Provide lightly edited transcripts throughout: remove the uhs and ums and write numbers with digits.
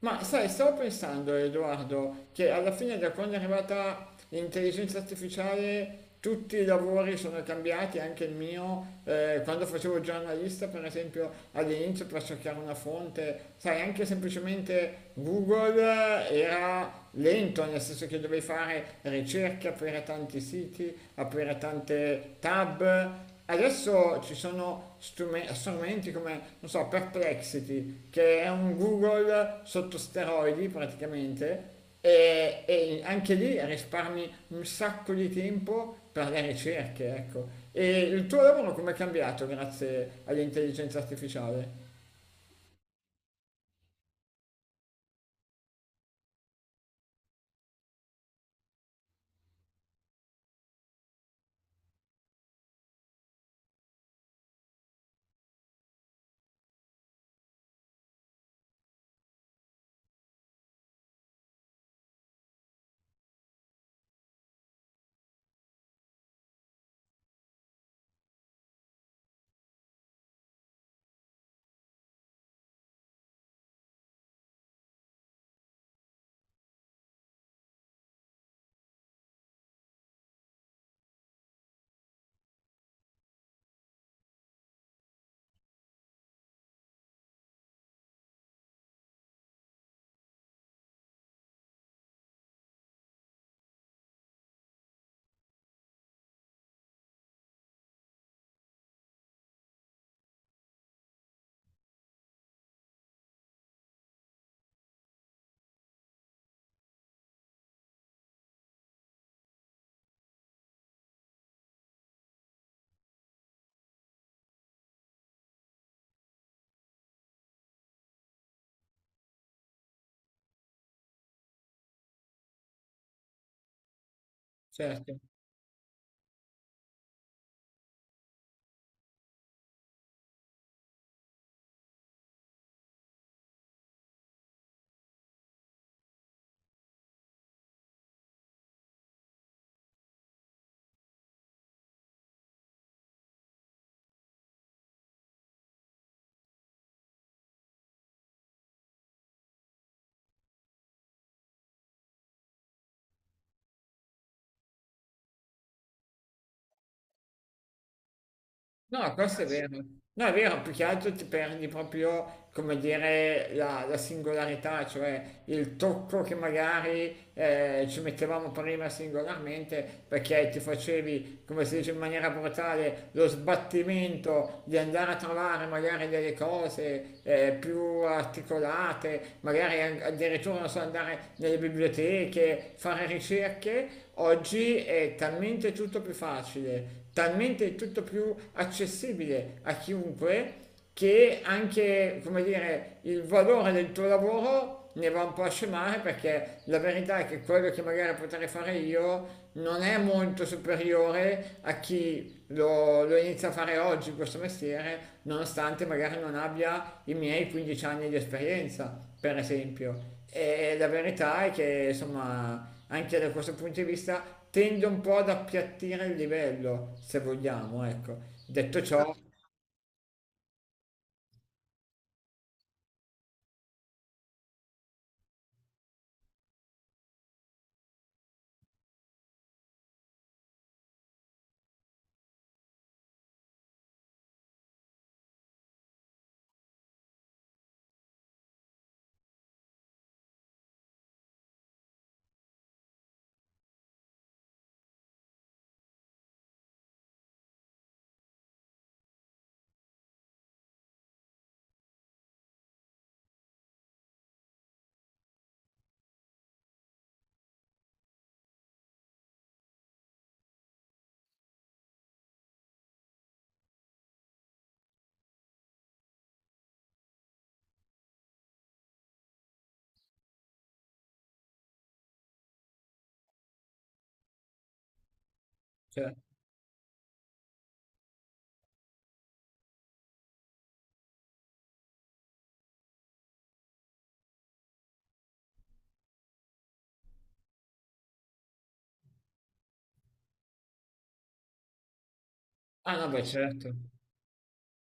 Ma sai, stavo pensando, Edoardo, che alla fine da quando è arrivata l'intelligenza artificiale tutti i lavori sono cambiati, anche il mio, quando facevo il giornalista, per esempio, all'inizio per cercare una fonte, sai, anche semplicemente Google era lento, nel senso che dovevi fare ricerche, aprire tanti siti, aprire tante tab, adesso ci sono strumenti come, non so, Perplexity, che è un Google sotto steroidi praticamente, e anche lì risparmi un sacco di tempo per le ricerche, ecco. E il tuo lavoro come è cambiato grazie all'intelligenza artificiale? Certo. No, questo è vero. No, è vero, più che altro ti perdi proprio, come dire, la singolarità, cioè il tocco che magari ci mettevamo prima singolarmente perché ti facevi, come si dice in maniera brutale, lo sbattimento di andare a trovare magari delle cose più articolate, magari addirittura non so, andare nelle biblioteche, fare ricerche, oggi è talmente tutto più facile, talmente tutto più accessibile a chiunque che anche, come dire, il valore del tuo lavoro ne va un po' a scemare perché la verità è che quello che magari potrei fare io non è molto superiore a chi lo inizio a fare oggi questo mestiere, nonostante magari non abbia i miei 15 anni di esperienza, per esempio. E la verità è che, insomma, anche da questo punto di vista tende un po' ad appiattire il livello, se vogliamo, ecco. Detto ciò, cioè- ah no, beh, certo.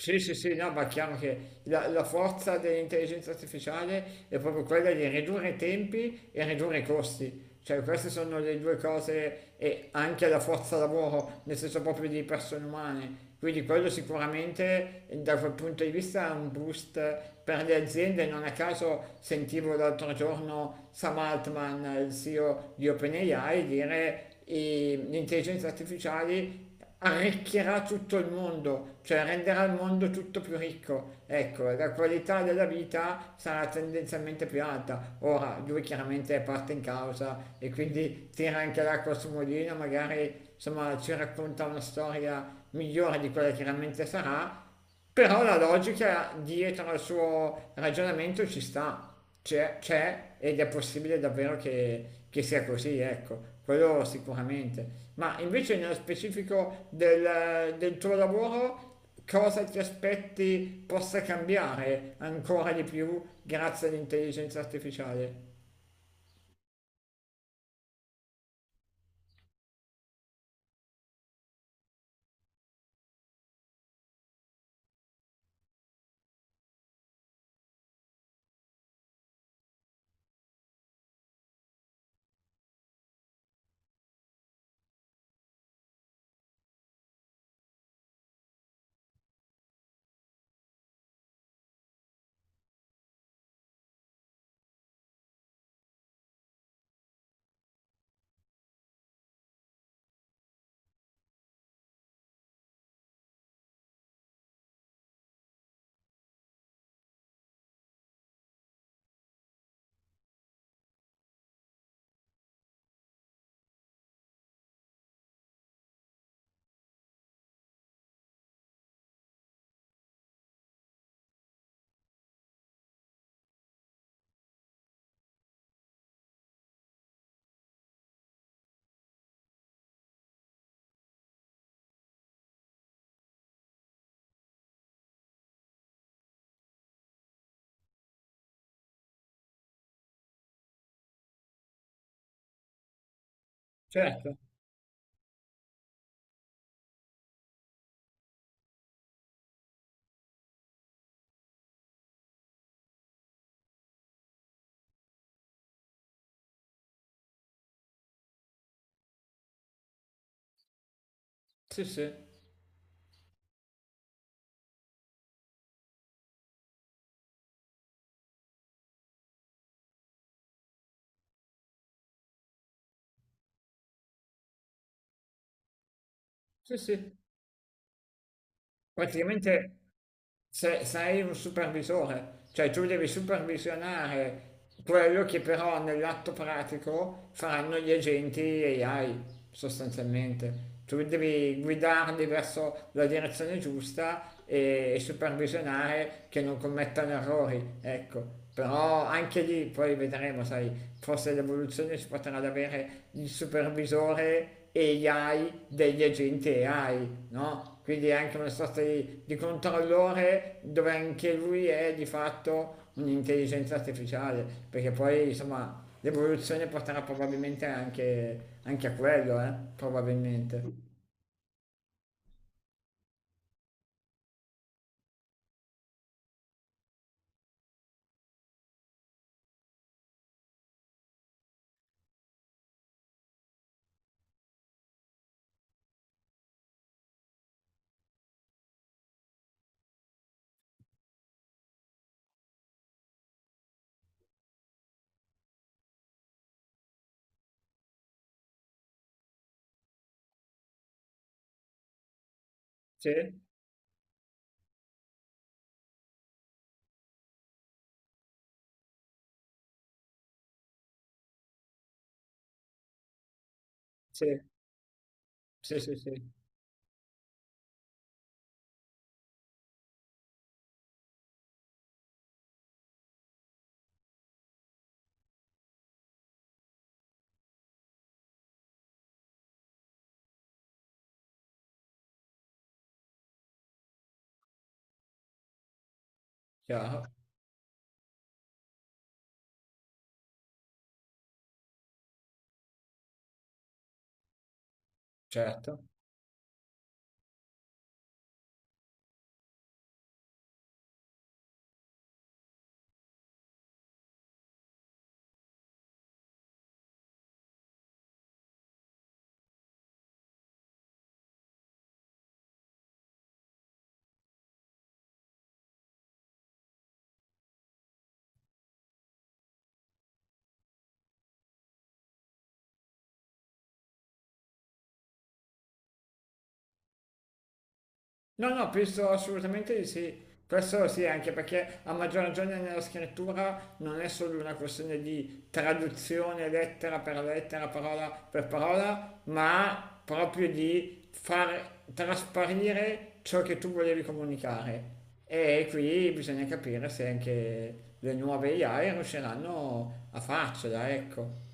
Sì, sì, sì, no, ma è chiaro che la forza dell'intelligenza artificiale è proprio quella di ridurre i tempi e ridurre i costi. Cioè, queste sono le due cose, e anche la forza lavoro, nel senso proprio di persone umane. Quindi quello sicuramente da quel punto di vista è un boost per le aziende. Non a caso sentivo l'altro giorno Sam Altman, il CEO di OpenAI, dire e l'intelligenza artificiale arricchirà tutto il mondo, cioè renderà il mondo tutto più ricco. Ecco, la qualità della vita sarà tendenzialmente più alta. Ora, lui chiaramente è parte in causa e quindi tira anche l'acqua sul mulino, magari insomma ci racconta una storia migliore di quella che realmente sarà, però la logica dietro al suo ragionamento ci sta, c'è ed è possibile davvero che sia così, ecco, quello sicuramente. Ma invece nello specifico del tuo lavoro, cosa ti aspetti possa cambiare ancora di più grazie all'intelligenza artificiale? Certo, sì, sì, sì, sì. Praticamente sei un supervisore, cioè tu devi supervisionare quello che però nell'atto pratico faranno gli agenti AI sostanzialmente. Tu devi guidarli verso la direzione giusta e supervisionare che non commettano errori, ecco. Però anche lì poi vedremo, sai, forse l'evoluzione si potrà ad avere il supervisore AI degli agenti AI, no? Quindi è anche una sorta di, controllore dove anche lui è di fatto un'intelligenza artificiale, perché poi insomma l'evoluzione porterà probabilmente anche a quello, eh? Probabilmente. Sì, sì, sì, sì, sì, chiaro, certo. No, no, penso assolutamente di sì. Questo sì, anche perché a maggior ragione nella scrittura non è solo una questione di traduzione lettera per lettera, parola per parola, ma proprio di far trasparire ciò che tu volevi comunicare. E qui bisogna capire se anche le nuove AI riusciranno a farcela, ecco.